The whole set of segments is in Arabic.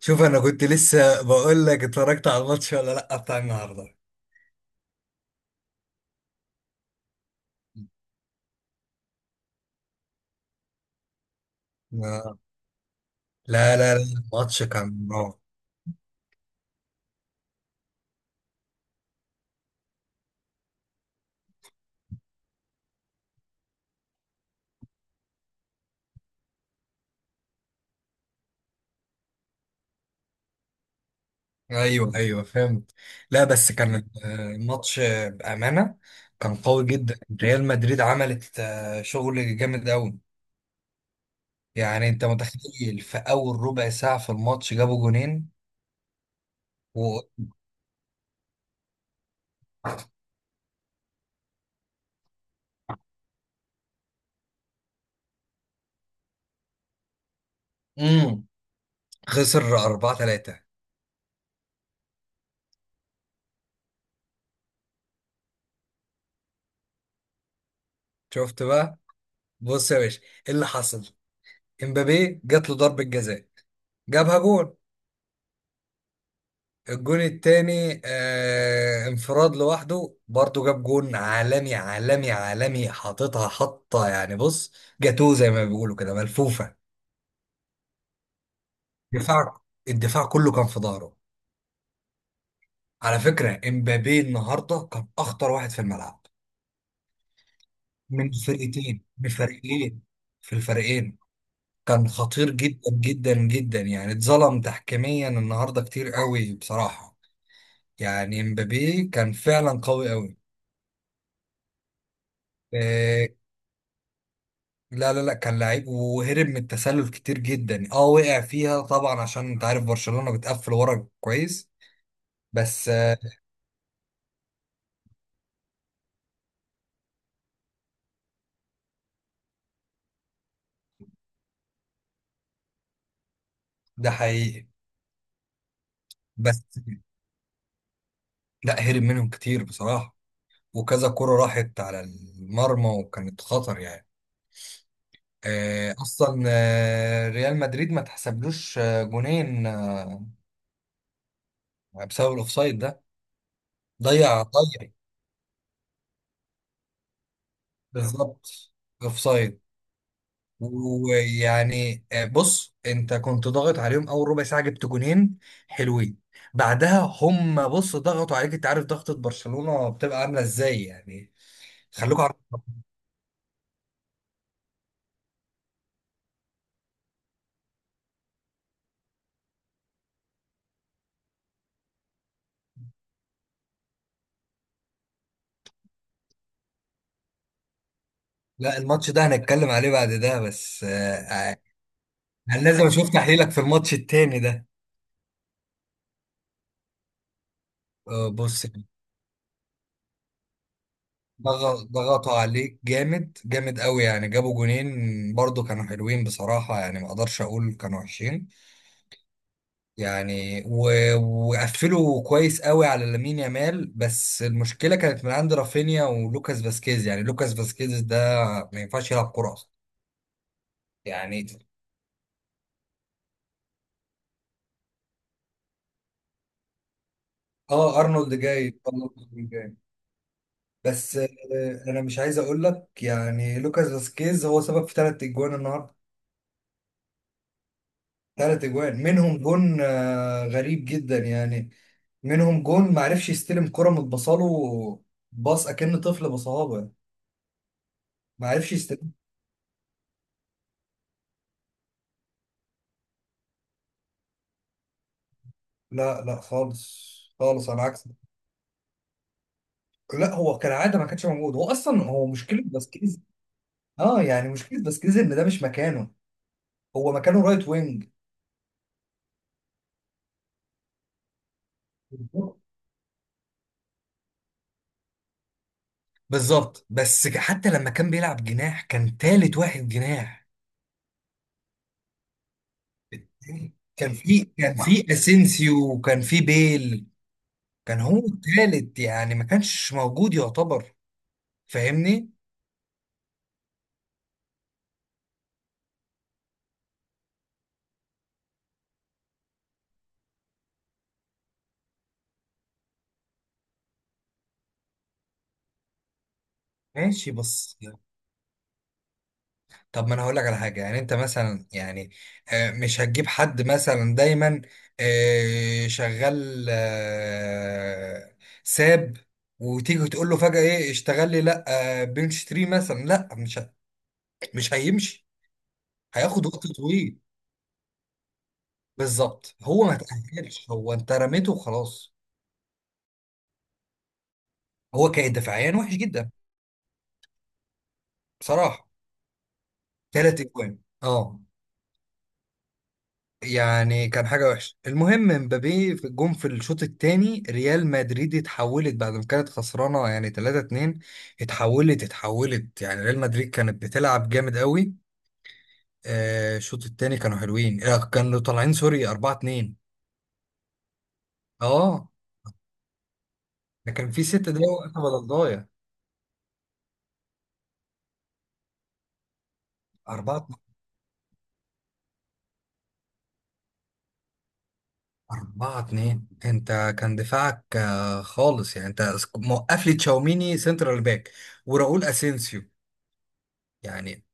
شوف انا كنت لسه بقول لك اتفرجت على الماتش ولا لا بتاع النهارده. آه. لا لا لا، الماتش كان نار. ايوه ايوه فهمت. لا بس كان الماتش، بامانه كان قوي جدا. ريال مدريد عملت شغل جامد قوي. يعني انت متخيل في اول ربع ساعه في الماتش جابوا جونين و مم. خسر 4-3. شفت بقى، بص يا باشا ايه اللي حصل. امبابي جات له ضربه جزاء جابها جون. الجون التاني انفراد لوحده برضه، جاب جون عالمي عالمي عالمي حاططها حطة. يعني بص، جاتوه زي ما بيقولوا كده ملفوفة. دفاع الدفاع كله كان في ظهره. على فكرة امبابي النهاردة كان أخطر واحد في الملعب. من الفريقين، في الفريقين. كان خطير جدا جدا جدا. يعني اتظلم تحكيميا النهاردة كتير قوي بصراحة. يعني امبابي كان فعلا قوي قوي. آه، لا لا لا، كان لعيب وهرب من التسلل كتير جدا. اه وقع فيها طبعا عشان انت عارف برشلونة بتقفل ورا كويس. بس ده حقيقي. بس لا، هرب منهم كتير بصراحة، وكذا كرة راحت على المرمى وكانت خطر يعني. اصلا ريال مدريد ما تحسبلوش جونين بسبب الاوفسايد ده. ضيع. بالظبط اوفسايد. ويعني بص انت كنت ضاغط عليهم اول ربع ساعه جبت جونين حلوين. بعدها هم بص ضغطوا عليك. انت عارف ضغطه برشلونه بتبقى عامله ازاي يعني. خلوكوا عارف. لا الماتش ده هنتكلم عليه بعد ده، بس انا لازم اشوف تحليلك في الماتش التاني ده. بص ضغطوا عليك جامد جامد قوي. يعني جابوا جونين برضو كانوا حلوين بصراحه، يعني ما اقدرش اقول كانوا وحشين. يعني وقفلوا كويس قوي على لامين يامال، بس المشكله كانت من عند رافينيا ولوكاس فاسكيز. يعني لوكاس فاسكيز ده ما ينفعش يلعب كوره اصلا. يعني اه، ارنولد جاي، ارنولد جاي. بس انا مش عايز اقول لك، يعني لوكاس فاسكيز هو سبب في ثلاث اجوان النهارده. ثلاث اجوان منهم جون غريب جدا يعني. منهم جون ما عرفش يستلم كرة متبصاله، باص اكن طفل بصهابه، ما عرفش. لا لا خالص، خالص على عكس. لا هو كالعاده ما كانش موجود. هو اصلا، هو مشكله باسكيز. اه، يعني مشكله باسكيز ان ده مش مكانه. هو مكانه رايت وينج. بالظبط، بس حتى لما كان بيلعب جناح كان تالت واحد جناح. كان في اسينسيو وكان في بيل. كان هو التالت، يعني ما كانش موجود يعتبر. فاهمني. ماشي بس، طب ما انا هقول لك على حاجه. يعني انت مثلا يعني مش هتجيب حد مثلا دايما شغال، ساب، وتيجي تقول له فجاه ايه اشتغل لي. لا، بنش تري مثلا لا، مش مش هيمشي. هياخد وقت طويل. بالظبط، هو ما تاهلش، هو انت رميته وخلاص. هو كان دفاعيا وحش جدا بصراحه. ثلاث اجوان، اه. يعني كان حاجة وحشة. المهم مبابي في جون في الشوط الثاني، ريال مدريد اتحولت بعد ما كانت خسرانة يعني 3-2. اتحولت. يعني ريال مدريد كانت بتلعب جامد قوي. الشوط الثاني كانوا حلوين، كانوا طالعين سوري 4-2. اه، ده كان في ست دقايق وقت بدل ضايع. 4 4 2. انت كان دفاعك خالص. يعني انت موقف لي تشاوميني سنترال باك وراؤول اسينسيو. يعني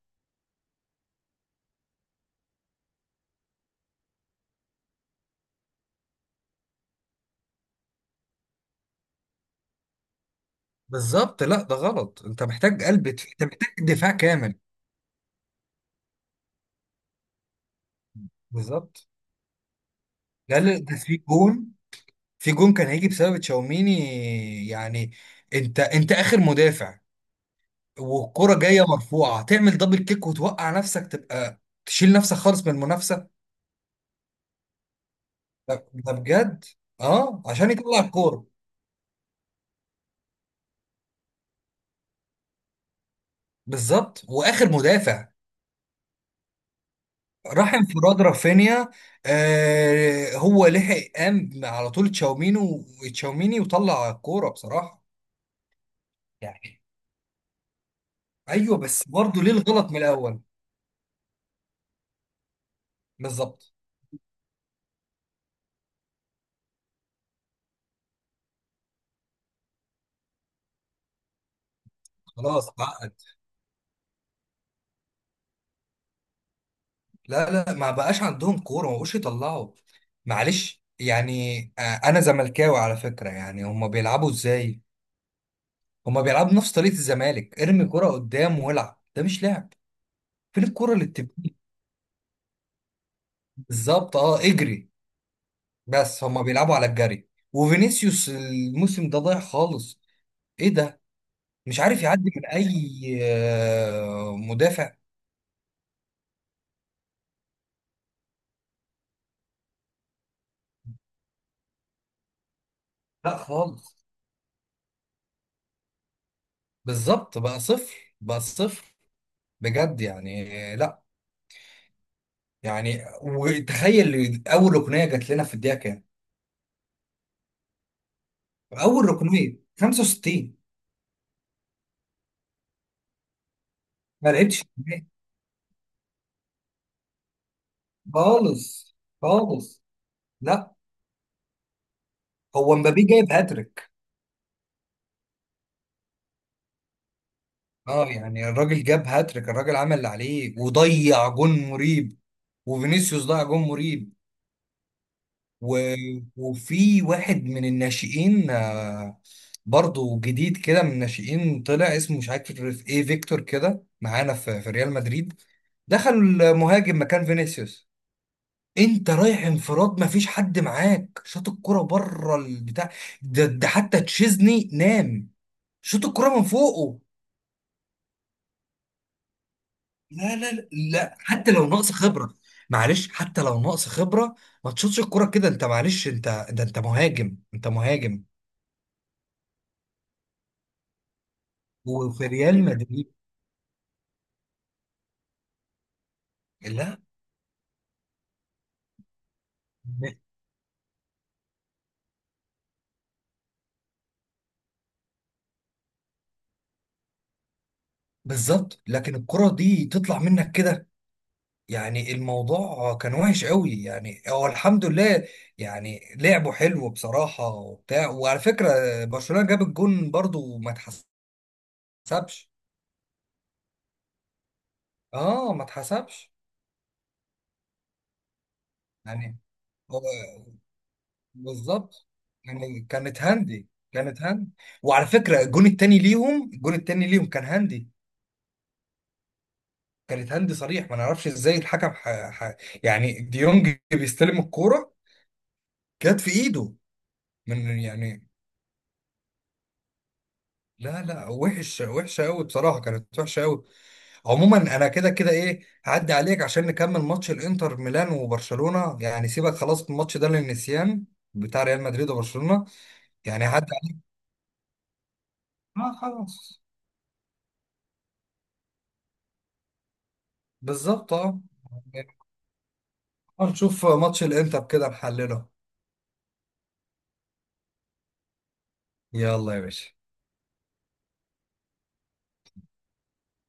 بالظبط، لا ده غلط. انت محتاج انت محتاج دفاع كامل. بالظبط، لا لا ده في جون كان هيجي بسبب تشاوميني. يعني انت اخر مدافع، والكرة جاية مرفوعة تعمل دبل كيك وتوقع نفسك، تبقى تشيل نفسك خالص من المنافسة. ده بجد. اه، عشان يطلع الكورة. بالظبط، واخر مدافع راح انفراد رافينيا. آه، هو لحق قام على طول تشاوميني، وتشاوميني وطلع الكورة بصراحة. يعني ايوه، بس برضه ليه الغلط من الاول. بالظبط، خلاص عقد. لا لا، ما بقاش عندهم كوره، ما بقوش يطلعوا. معلش يعني انا زملكاوي على فكره. يعني هما بيلعبوا ازاي؟ هما بيلعبوا نفس طريقه الزمالك، ارمي كوره قدام والعب. ده مش لعب. فين الكوره اللي بتبني؟ بالظبط، اه، اجري. بس هما بيلعبوا على الجري. وفينيسيوس الموسم ده ضايع خالص. ايه ده! مش عارف يعدي من اي مدافع. لا خالص. بالظبط، بقى صفر بقى صفر بجد. يعني لا، يعني وتخيل اول ركنيه جات لنا في الدقيقه كام؟ اول ركنيه 65. ما لعبتش نهائي. خالص خالص. لا هو مبابي جايب هاتريك. اه يعني الراجل جاب هاتريك، الراجل عمل اللي عليه. وضيع جون مريب، وفينيسيوس ضيع جون مريب. و... وفي واحد من الناشئين برضه جديد كده من الناشئين، طلع اسمه مش عارف ايه، فيكتور كده، معانا في ريال مدريد. دخل المهاجم مكان فينيسيوس. انت رايح انفراد، مفيش حد معاك، شاط الكرة بره البتاع. ده حتى تشيزني نام. شاط الكرة من فوقه. لا لا لا لا، حتى لو ناقص خبرة، معلش، حتى لو ناقص خبرة، ما تشوطش الكرة كده. انت معلش، انت ده، انت مهاجم، انت مهاجم وفي ريال مدريد. لا ب- بالظبط، لكن الكرة دي تطلع منك كده؟ يعني الموضوع كان وحش قوي. يعني هو الحمد لله، يعني لعبه حلو بصراحة وبتاع. وعلى فكرة برشلونة جاب الجون برضو ما اتحسبش. اه ما اتحسبش، يعني هو بالظبط. يعني كانت هاندي، كانت هاندي. وعلى فكرة الجون التاني ليهم، الجون التاني ليهم كان هاندي، كانت هاندي صريح. ما نعرفش ازاي الحكم يعني ديونج بيستلم الكورة، جت في ايده، من يعني. لا لا، وحش، وحشة قوي بصراحة، كانت وحشة قوي. عموما انا كده كده ايه هعدي عليك عشان نكمل ماتش الانتر ميلان وبرشلونة. يعني سيبك خلاص من الماتش ده للنسيان، بتاع ريال مدريد وبرشلونة. يعني هعدي عليك. اه خلاص. بالظبط اه. نشوف ماتش الانتر كده نحلله. يلا يا باشا.